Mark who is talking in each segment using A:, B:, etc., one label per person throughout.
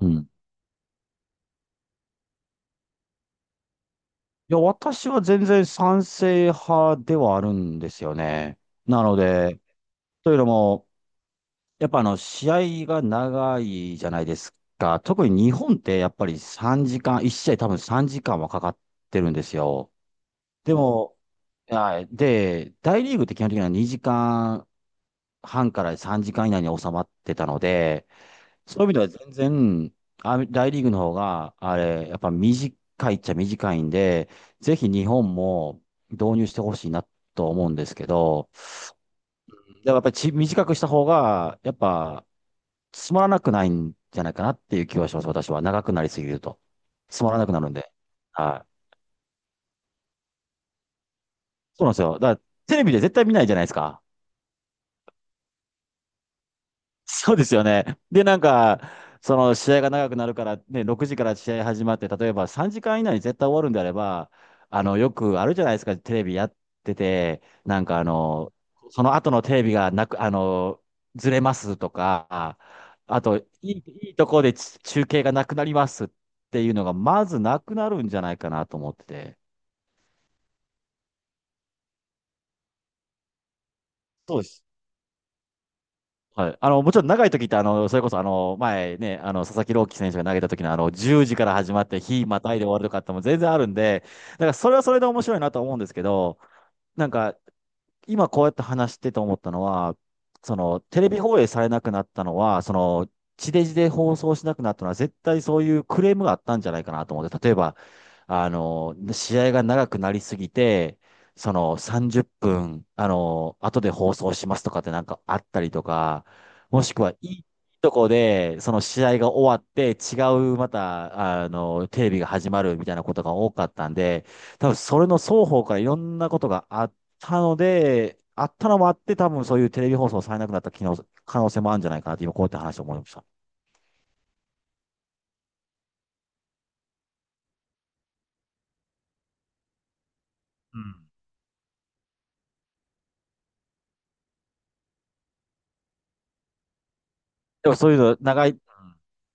A: うん。いや、私は全然賛成派ではあるんですよね。なので、というのも、やっぱ試合が長いじゃないですか。特に日本ってやっぱり3時間、1試合多分3時間はかかってるんですよ。でも、はい。で、大リーグって基本的には2時間半から3時間以内に収まってたので、そういう意味では全然、あ、大リーグの方が、あれ、やっぱ短いっちゃ短いんで、ぜひ日本も導入してほしいなと思うんですけど、でもやっぱり短くした方が、やっぱつまらなくないんじゃないかなっていう気はします、私は。長くなりすぎると。つまらなくなるんで。はい。そうなんですよ。だからテレビで絶対見ないじゃないですか。そうですよね。で、なんか、その試合が長くなるから、ね、6時から試合始まって、例えば3時間以内に絶対終わるんであれば、よくあるじゃないですか、テレビやってて、なんかその後のテレビがなく、ずれますとか、あと、いいとこで中継がなくなりますっていうのが、まずなくなるんじゃないかなと思ってて。そうです。はい。もちろん長い時って、それこそ、前ね、佐々木朗希選手が投げた時の、10時から始まって、日またいで終わるとかっても全然あるんで、だからそれはそれで面白いなとは思うんですけど、なんか、今こうやって話してて思ったのは、その、テレビ放映されなくなったのは、その、地デジで放送しなくなったのは、絶対そういうクレームがあったんじゃないかなと思って、例えば、試合が長くなりすぎて、その、30分、後で放送しますとかってなんかあったりとか、もしくは、いいとこで、その試合が終わって、また、テレビが始まるみたいなことが多かったんで、多分それの双方からいろんなことがあったので、あったのもあって、多分そういうテレビ放送されなくなった機能、可能性もあるんじゃないかなって、今こうやって話を思いました。うん。でもそういうの、長い、う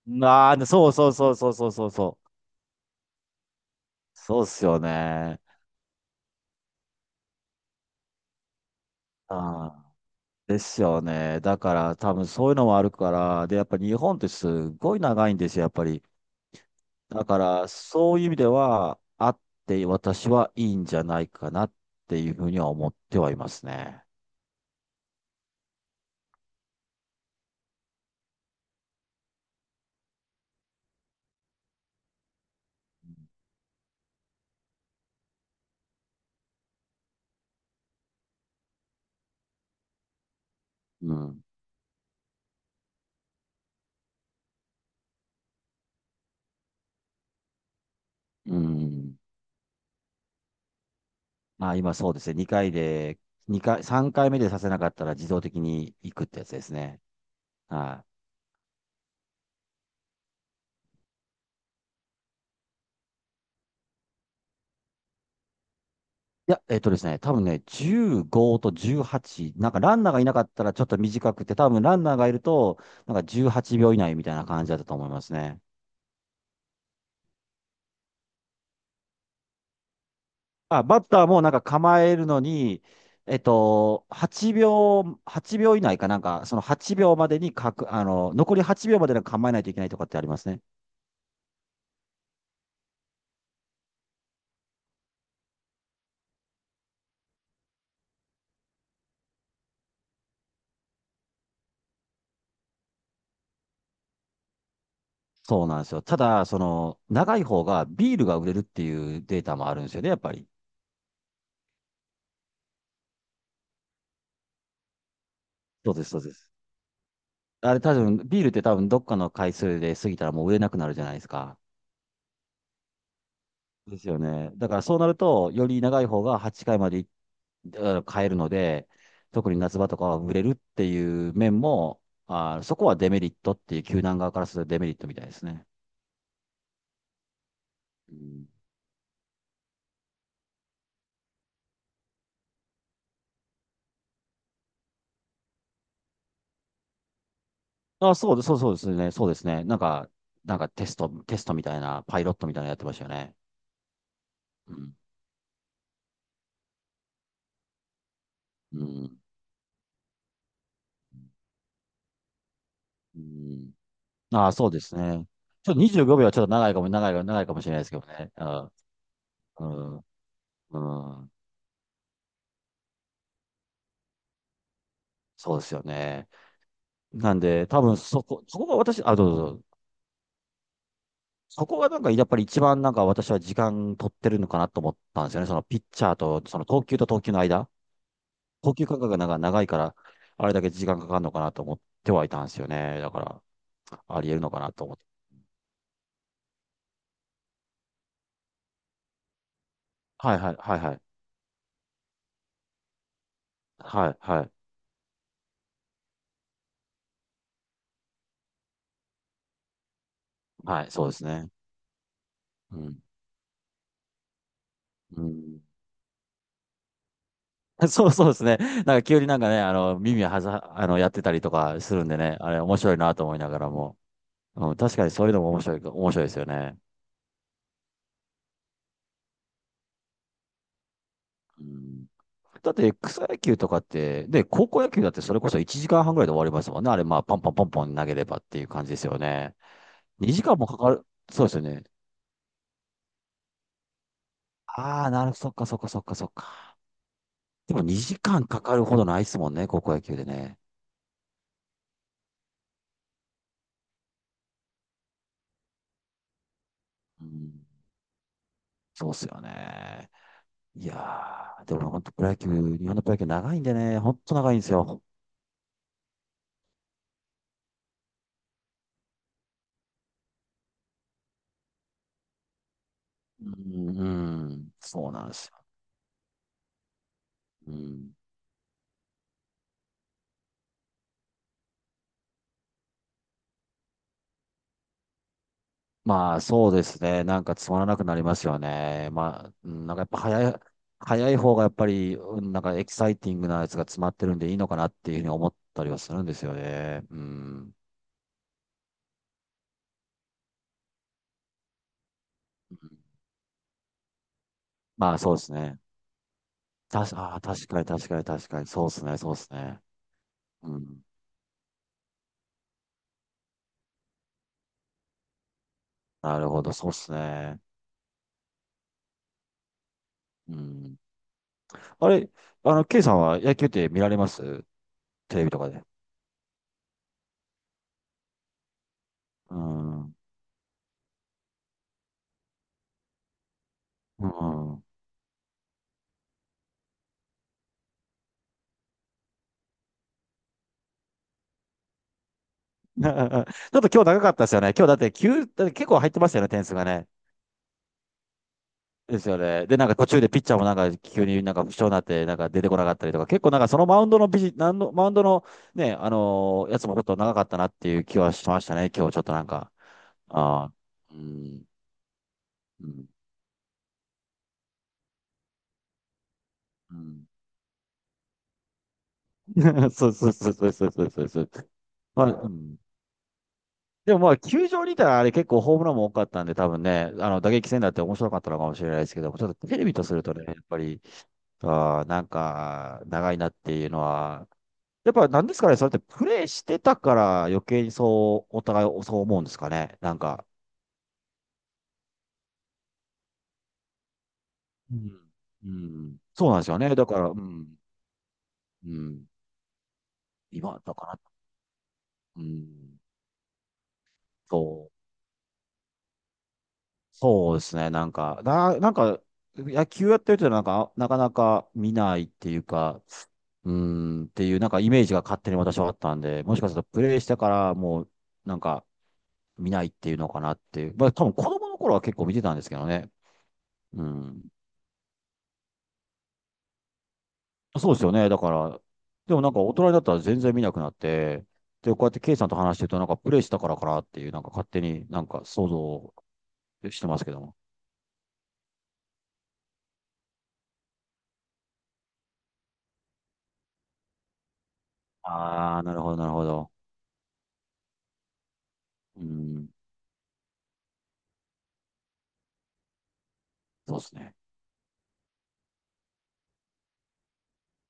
A: んなあ、そうそうそうそうそうそうそう。そうっすよね。ああ、ですよね。だから多分そういうのもあるから、で、やっぱ日本ってすごい長いんですよ、やっぱり。だからそういう意味では、あって私はいいんじゃないかなっていうふうには思ってはいますね。うん。うん。まあ、今そうですね。2回で、二回、3回目でさせなかったら自動的に行くってやつですね。はい。いや、えっとですね、多分ね、15と18、なんかランナーがいなかったらちょっと短くて、多分ランナーがいると、なんか18秒以内みたいな感じだったと思いますね。まあ、バッターもなんか構えるのに、8秒以内かなんか、その8秒までにかく、あの、残り8秒までに構えないといけないとかってありますね。そうなんですよ。ただ、その、長い方がビールが売れるっていうデータもあるんですよね、やっぱり。そうです、そうです。あれ多分、ビールって多分どっかの回数で過ぎたらもう売れなくなるじゃないですか。ですよね。だからそうなると、より長い方が8回まで買えるので、特に夏場とかは売れるっていう面も、あー、そこはデメリットっていう、球団側からするとデメリットみたいですね。うんあ、そうです、そうそうですね。そうですね。なんか、テストみたいな、パイロットみたいなのやってましたよね。うん。うん。うん。ああ、そうですね。ちょっと25秒はちょっと長いかもしれないですけどね。うん。うん。うんそうですよね。なんで、多分そこ、そこがあ、どうぞどうぞ。そこがなんか、やっぱり一番なんか私は時間取ってるのかなと思ったんですよね。そのピッチャーと、その投球と投球の間。投球間隔がなんか長いから、あれだけ時間かかるのかなと思ってはいたんですよね。だから、あり得るのかなと思って。はいはい、はいはい。はいはい。はい、そうですね。うん。うん そうそうですね。なんか急になんかね、あの、耳はざ、あの、やってたりとかするんでね、あれ面白いなと思いながらも。うん、確かにそういうのも面白いですよね。うん、だって草野球とかって、で、高校野球だってそれこそ1時間半ぐらいで終わりますもんね。あれ、まあ、ポンポンポンポン投げればっていう感じですよね。2時間もかかる。そうですよね。ああ、そっかそっかそっかそっか。でも2時間かかるほどないですもんね、高校野球でね。うん、そうっすよね。いやー、でも本当プロ野球、日本のプロ野球長いんでね、本当長いんですよ。うん、うん、そうなんですよ。うん。まあ、そうですね。なんかつまらなくなりますよね。まあ、うんなんかやっぱ早い、早い方がやっぱり、うんなんかエキサイティングなやつが詰まってるんでいいのかなっていうふうに思ったりはするんですよね。うん。うんまあ、そうですね。ああ、確かに確かに確かに。そうですね、そうですね。うん。なるほど、そうですね。うん。あれ、ケイさんは野球って見られますテレビとかで。うん。うん。ちょっと今日長かったですよね。今日だって急、だって結構入ってましたよね、点数がね。ですよね。で、なんか途中でピッチャーもなんか急になんか負傷になって、なんか出てこなかったりとか、結構なんかそのマウンドのやつもちょっと長かったなっていう気はしましたね、今日ちょっとなんか。ああ。うん。うん。うん そうそうそうそうそうそうそう。まあ、うんでもまあ、球場にいたらあれ結構ホームランも多かったんで、多分ね、打撃戦だって面白かったのかもしれないですけども、ちょっとテレビとするとね、やっぱり、あーなんか、長いなっていうのは、やっぱなんですかね、それってプレイしてたから余計にそう、お互いそう思うんですかね、なんか。うん。うん。そうなんですよね。だから、うん。うん。今だから、うん。そう。そうですね、野球やってる人はなんか、なかなか見ないっていうか、うーん、っていう、なんかイメージが勝手に私はあったんで、もしかするとプレイしてからもう、なんか見ないっていうのかなっていう。まあ多分子供の頃は結構見てたんですけどね。うん。そうですよね。だから、でもなんか大人になったら全然見なくなって、で、こうやってケイさんと話してるとなんかプレイしたからかなっていう、なんか勝手になんか想像してますけども。ああ、なるほど、なるほど。うん、そうですね。